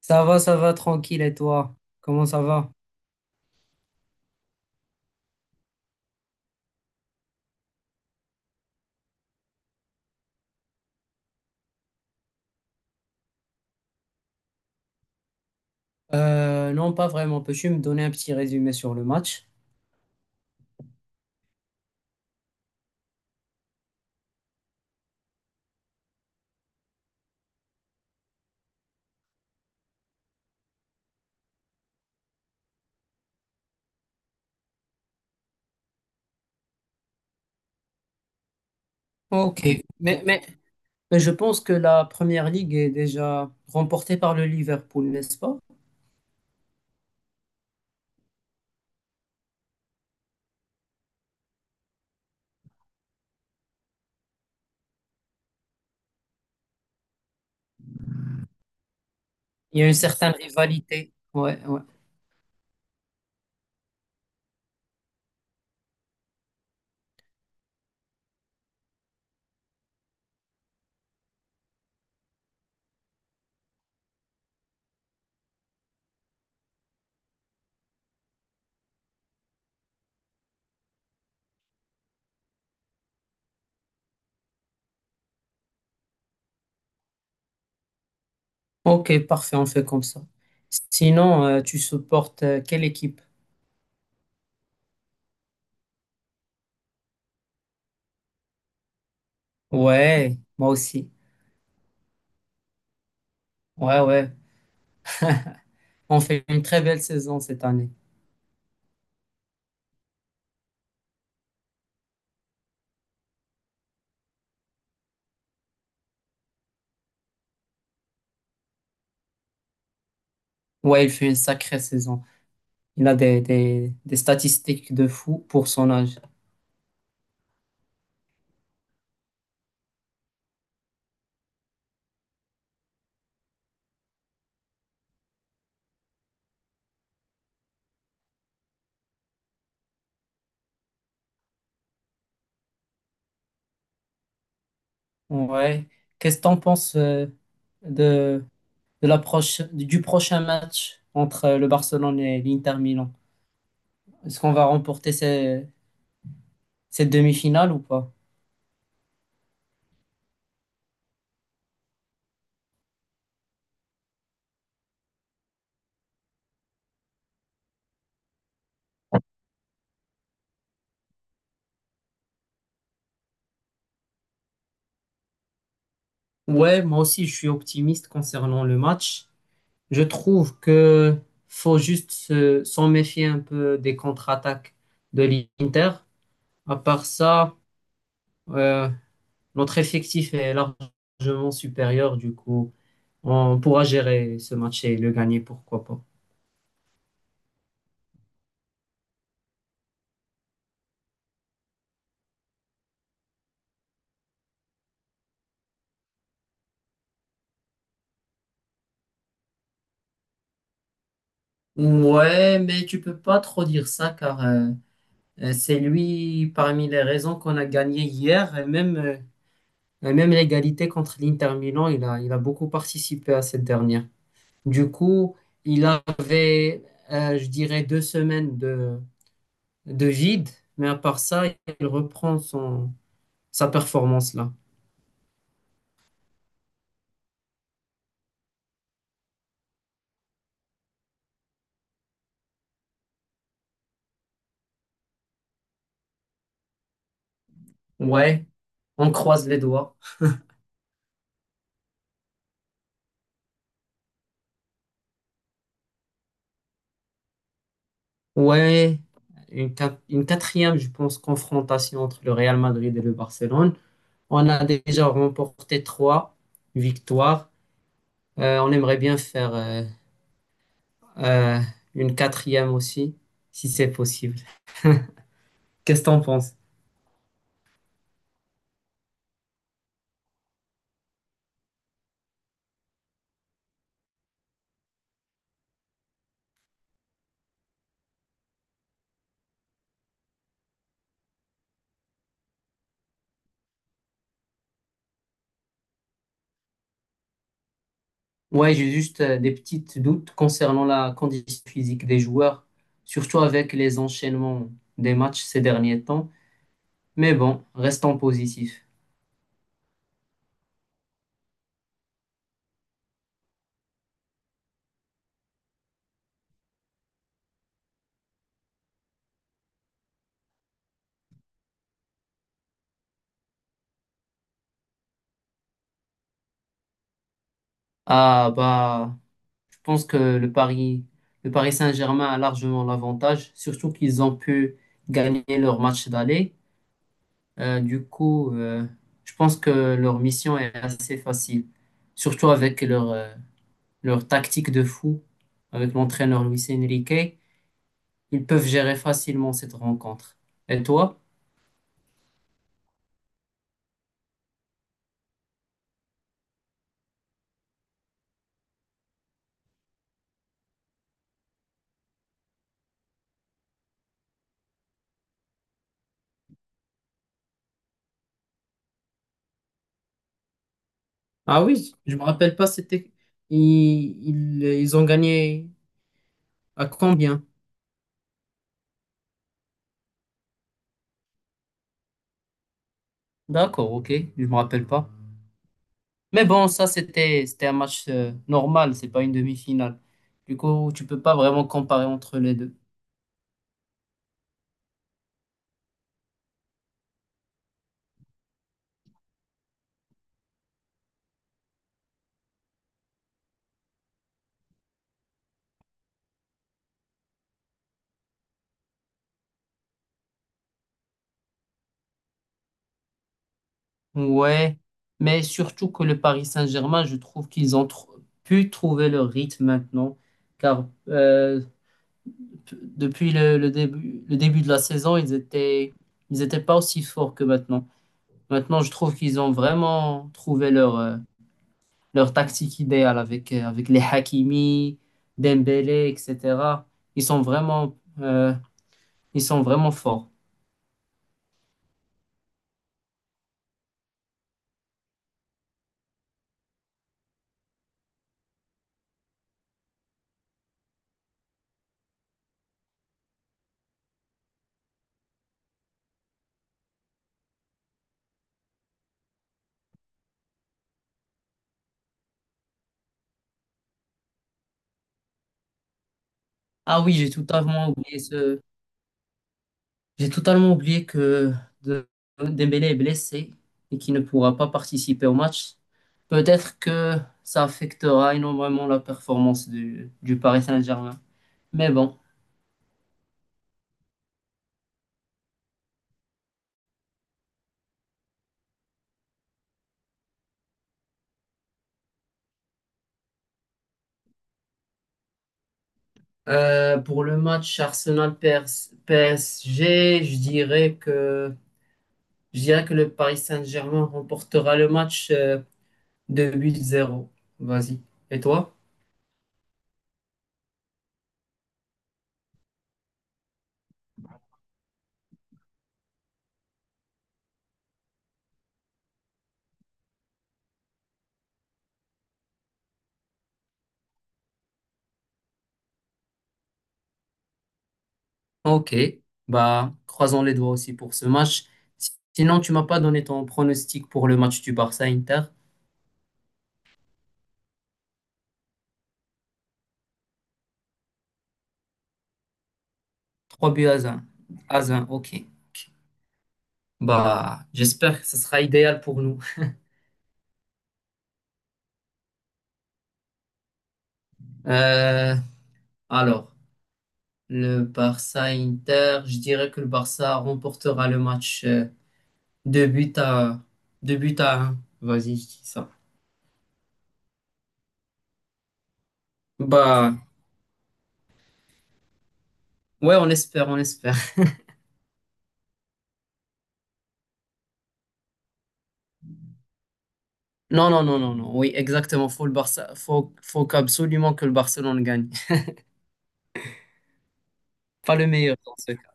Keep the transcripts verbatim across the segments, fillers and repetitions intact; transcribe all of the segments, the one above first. Ça va, ça va, tranquille. Et toi? Comment ça va? Euh, non, pas vraiment. Peux-tu me donner un petit résumé sur le match? Ok. Mais, mais, mais je pense que la première ligue est déjà remportée par le Liverpool, n'est-ce pas? Il y a une certaine rivalité. Ouais, ouais. Ok, parfait, on fait comme ça. Sinon, euh, tu supportes euh, quelle équipe? Ouais, moi aussi. Ouais, ouais. On fait une très belle saison cette année. Ouais, il fait une sacrée saison. Il a des, des, des statistiques de fou pour son âge. Ouais. Qu'est-ce que t'en penses euh, de, de l'approche du prochain match entre euh, le Barcelone et l'Inter Milan? Est-ce qu'on va remporter ces- cette demi-finale ou pas? Ouais, moi aussi, je suis optimiste concernant le match. Je trouve que faut juste se- s'en méfier un peu des contre-attaques de l'Inter. À part ça, euh, notre effectif est largement supérieur du coup. On pourra gérer ce match et le gagner, pourquoi pas. Ouais, mais tu peux pas trop dire ça car euh, euh, c'est lui parmi les raisons qu'on a gagné hier et même, euh, et même l'égalité contre l'Inter Milan, il a, il a beaucoup participé à cette dernière. Du coup, il avait, euh, je dirais, deux semaines de, de vide, mais à part ça, il reprend son, sa performance là. Ouais, on croise les doigts. Ouais, une, quat- une quatrième, je pense, confrontation entre le Real Madrid et le Barcelone. On a déjà remporté trois victoires. Euh, on aimerait bien faire euh, euh, une quatrième aussi, si c'est possible. Qu'est-ce que t'en penses? Ouais, j'ai juste euh, des petits doutes concernant la condition physique des joueurs, surtout avec les enchaînements des matchs ces derniers temps. Mais bon, restons positifs. Ah bah, je pense que le Paris, le Paris Saint-Germain a largement l'avantage, surtout qu'ils ont pu gagner leur match d'aller. Euh, du coup, euh, je pense que leur mission est assez facile, surtout avec leur, euh, leur tactique de fou, avec l'entraîneur Luis Enrique. Ils peuvent gérer facilement cette rencontre. Et toi? Ah oui, je me rappelle pas, c'était ils, ils, ils ont gagné à combien? D'accord, ok, je me rappelle pas. Mais bon, ça, c'était, c'était un match euh, normal, c'est pas une demi-finale. Du coup, tu peux pas vraiment comparer entre les deux. Ouais, mais surtout que le Paris Saint-Germain, je trouve qu'ils ont tr- pu trouver leur rythme maintenant, car euh, p- depuis le, le début, le début, de la saison, ils étaient, ils étaient pas aussi forts que maintenant. Maintenant, je trouve qu'ils ont vraiment trouvé leur, euh, leur tactique idéale avec, euh, avec les Hakimi, Dembélé, et cétéra. Ils sont vraiment euh, Ils sont vraiment forts. Ah oui, j'ai totalement oublié ce... J'ai totalement oublié que de- Dembélé est blessé et qu'il ne pourra pas participer au match. Peut-être que ça affectera énormément la performance du, du Paris Saint-Germain. Mais bon. Euh, pour le match Arsenal-P S G, je dirais que, je dirais que le Paris Saint-Germain remportera le match euh, de huit buts à zéro. Vas-y. Et toi? Ok, bah croisons les doigts aussi pour ce match. Si- Sinon, tu m'as pas donné ton pronostic pour le match du Barça-Inter. trois buts à un. À un, ok. Bah, j'espère que ce sera idéal pour nous. Euh, alors, le Barça-Inter, je dirais que le Barça remportera le match euh, deux buts à deux buts à un. Vas-y, je dis ça. Bah, ouais, on espère, on espère. Non, non, non, non, non. Oui, exactement. Faut le Barça, faut, faut qu'absolument que le Barcelone gagne. Pas le meilleur dans ce cas.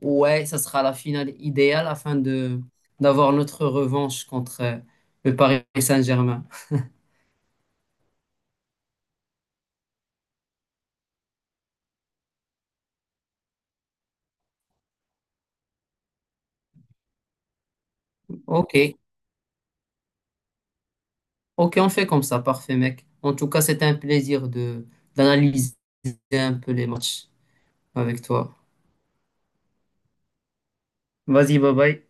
Ouais, ça sera la finale idéale afin de d'avoir notre revanche contre euh, le Paris Saint-Germain. Ok, ok, on fait comme ça, parfait, mec. En tout cas, c'était un plaisir de d'analyser un peu les matchs avec toi. Vas-y, bye bye.